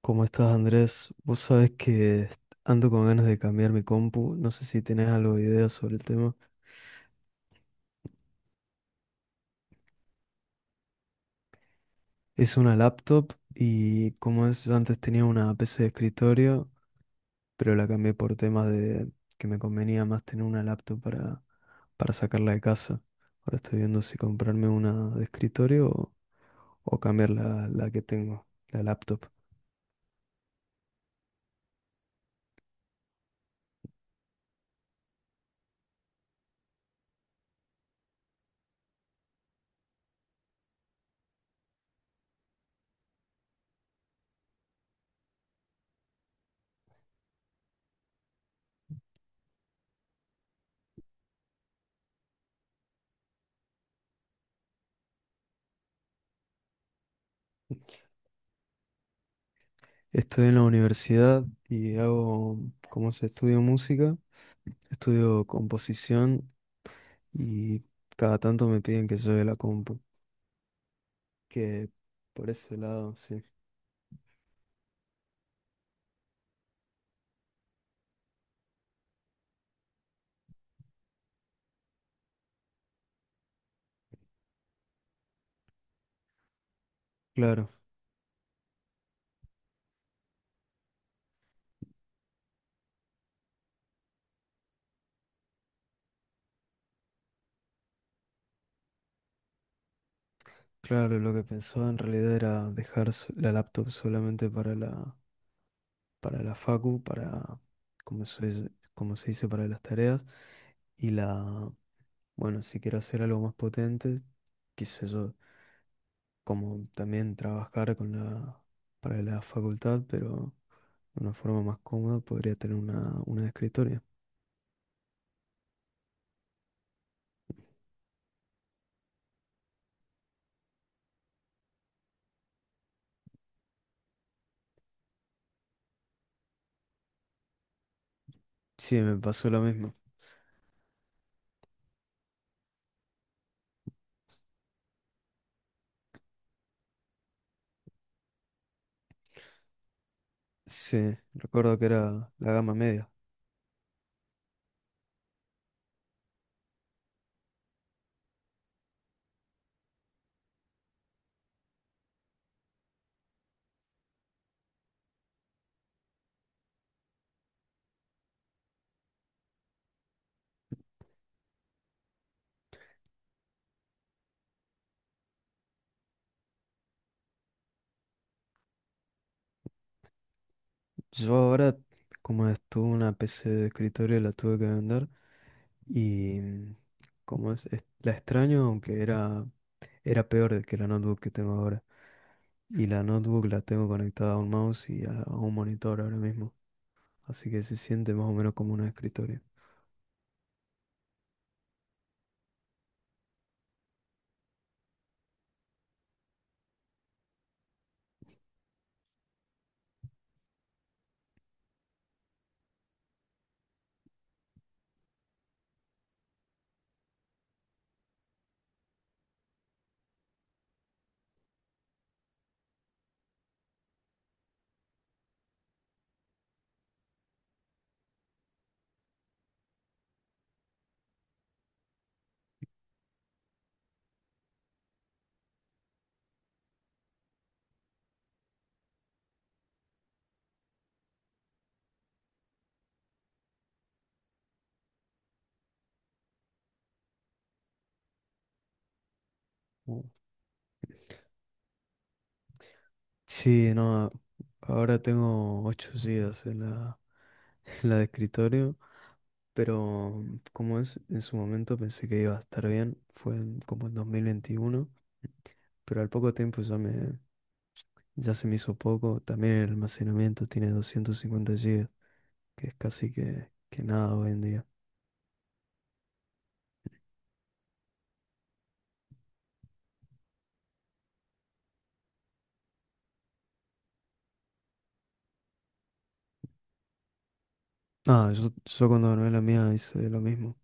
¿Cómo estás, Andrés? Vos sabés que ando con ganas de cambiar mi compu. No sé si tenés algo de idea sobre el tema. Es una laptop y, como es, yo antes tenía una PC de escritorio, pero la cambié por temas de que me convenía más tener una laptop para, sacarla de casa. Ahora estoy viendo si comprarme una de escritorio o cambiar la que tengo, la laptop. Estoy en la universidad y hago, como se estudio música, estudio composición y cada tanto me piden que lleve la compu. Que por ese lado, sí. Claro, claro, lo que pensaba en realidad era dejar la laptop solamente para la facu, para, como se dice, para las tareas. Y la, bueno, si quiero hacer algo más potente, qué sé yo, como también trabajar con la, para la facultad, pero de una forma más cómoda podría tener una, de escritorio. Sí, me pasó lo mismo. Sí, recuerdo que era la gama media. Yo ahora, como estuve una PC de escritorio, la tuve que vender y, como es, la extraño, aunque era, peor de que la notebook que tengo ahora. Y la notebook la tengo conectada a un mouse y a un monitor ahora mismo, así que se siente más o menos como un escritorio. Sí, no, ahora tengo 8 gigas en la, en la de escritorio, pero, como es, en su momento pensé que iba a estar bien, fue como en 2021, pero al poco tiempo ya se me hizo poco, también el almacenamiento tiene 250 gigas, que es casi que, nada hoy en día. Ah, yo cuando gané la mía hice lo mismo.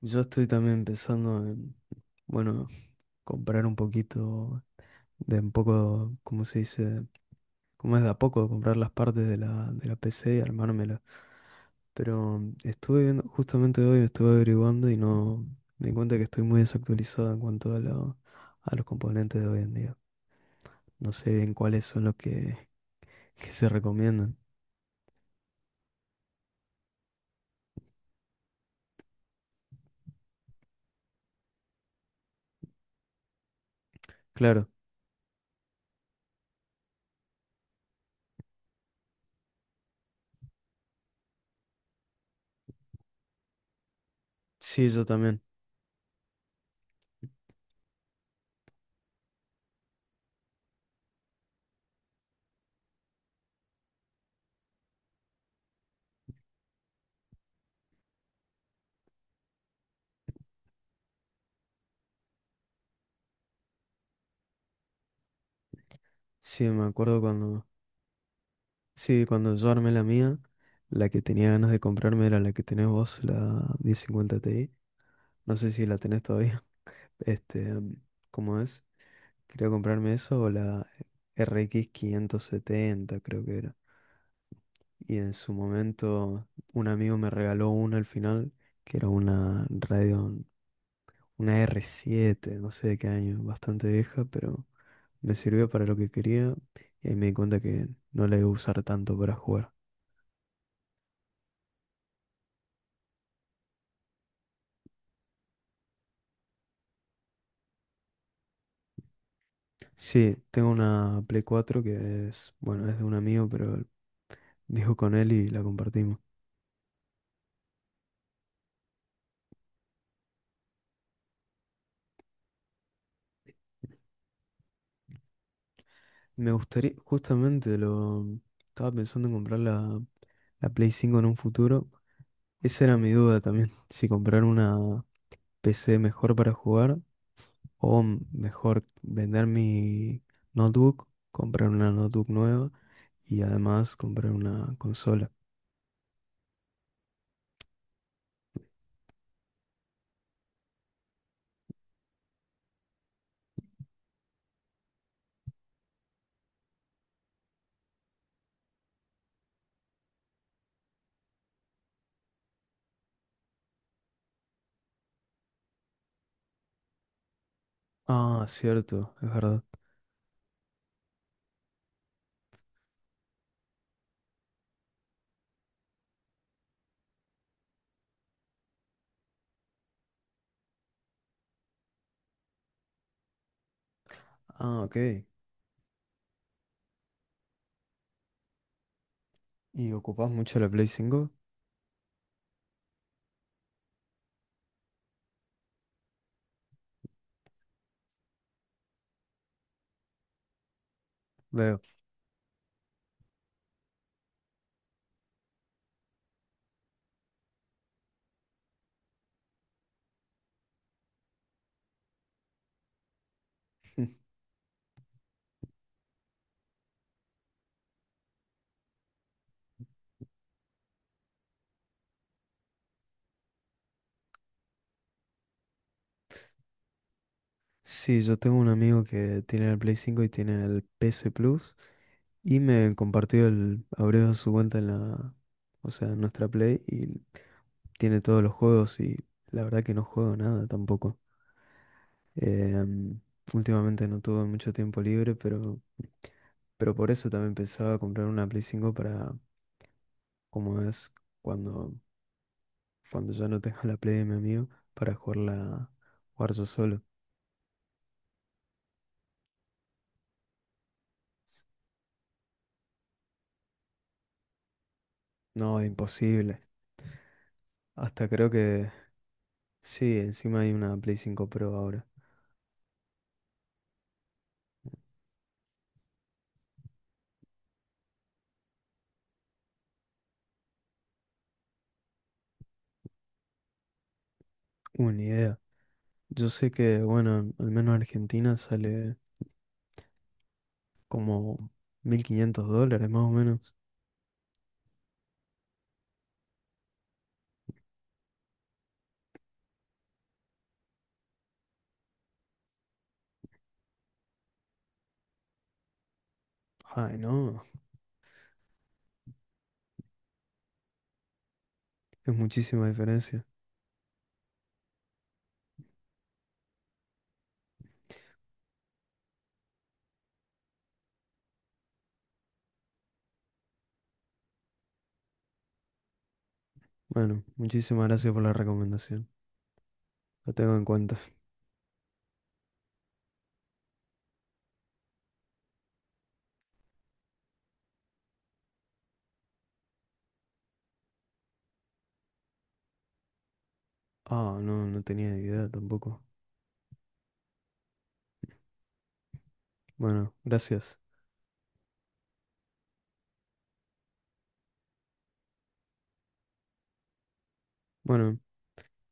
Yo estoy también pensando en, bueno, comprar un poquito de un poco, ¿cómo se dice? ¿Cómo es de a poco? Comprar las partes de la PC y armármela. Pero estuve viendo, justamente hoy estuve averiguando y no me di cuenta que estoy muy desactualizado en cuanto a los componentes de hoy en día. No sé bien cuáles son los que se recomiendan. Claro, sí, yo también. Sí, me acuerdo cuando. Sí, cuando yo armé la mía, la que tenía ganas de comprarme era la que tenés vos, la 1050 Ti. No sé si la tenés todavía. Este, ¿cómo es? Quería comprarme eso o la RX 570, creo que era. Y en su momento un amigo me regaló una al final, que era una Radeon, una R7, no sé de qué año, bastante vieja, pero me sirvió para lo que quería y ahí me di cuenta que no la iba a usar tanto para jugar. Sí, tengo una Play 4 que es, bueno, es de un amigo, pero dijo con él y la compartimos. Me gustaría, justamente lo estaba pensando en comprar la, Play 5 en un futuro. Esa era mi duda también, si comprar una PC mejor para jugar o mejor vender mi notebook, comprar una notebook nueva y además comprar una consola. Ah, cierto, es verdad. Ah, ok. ¿Y ocupás mucho la Play 5? Veo. Sí, yo tengo un amigo que tiene el Play 5 y tiene el PS Plus y me compartió abrió su cuenta en la, o sea, en nuestra Play y tiene todos los juegos y la verdad que no juego nada tampoco. Em, últimamente no tuve mucho tiempo libre, pero, por eso también pensaba comprar una Play 5 para, como es, cuando, cuando ya no tenga la Play de mi amigo, para jugarla, jugar yo solo. No, imposible. Hasta creo que. Sí, encima hay una Play 5 Pro ahora. Una idea. Yo sé que, bueno, al menos en Argentina sale como 1.500 dólares más o menos. Ay, no, es muchísima diferencia. Bueno, muchísimas gracias por la recomendación. La tengo en cuenta. Ah, no, no tenía idea tampoco. Bueno, gracias. Bueno.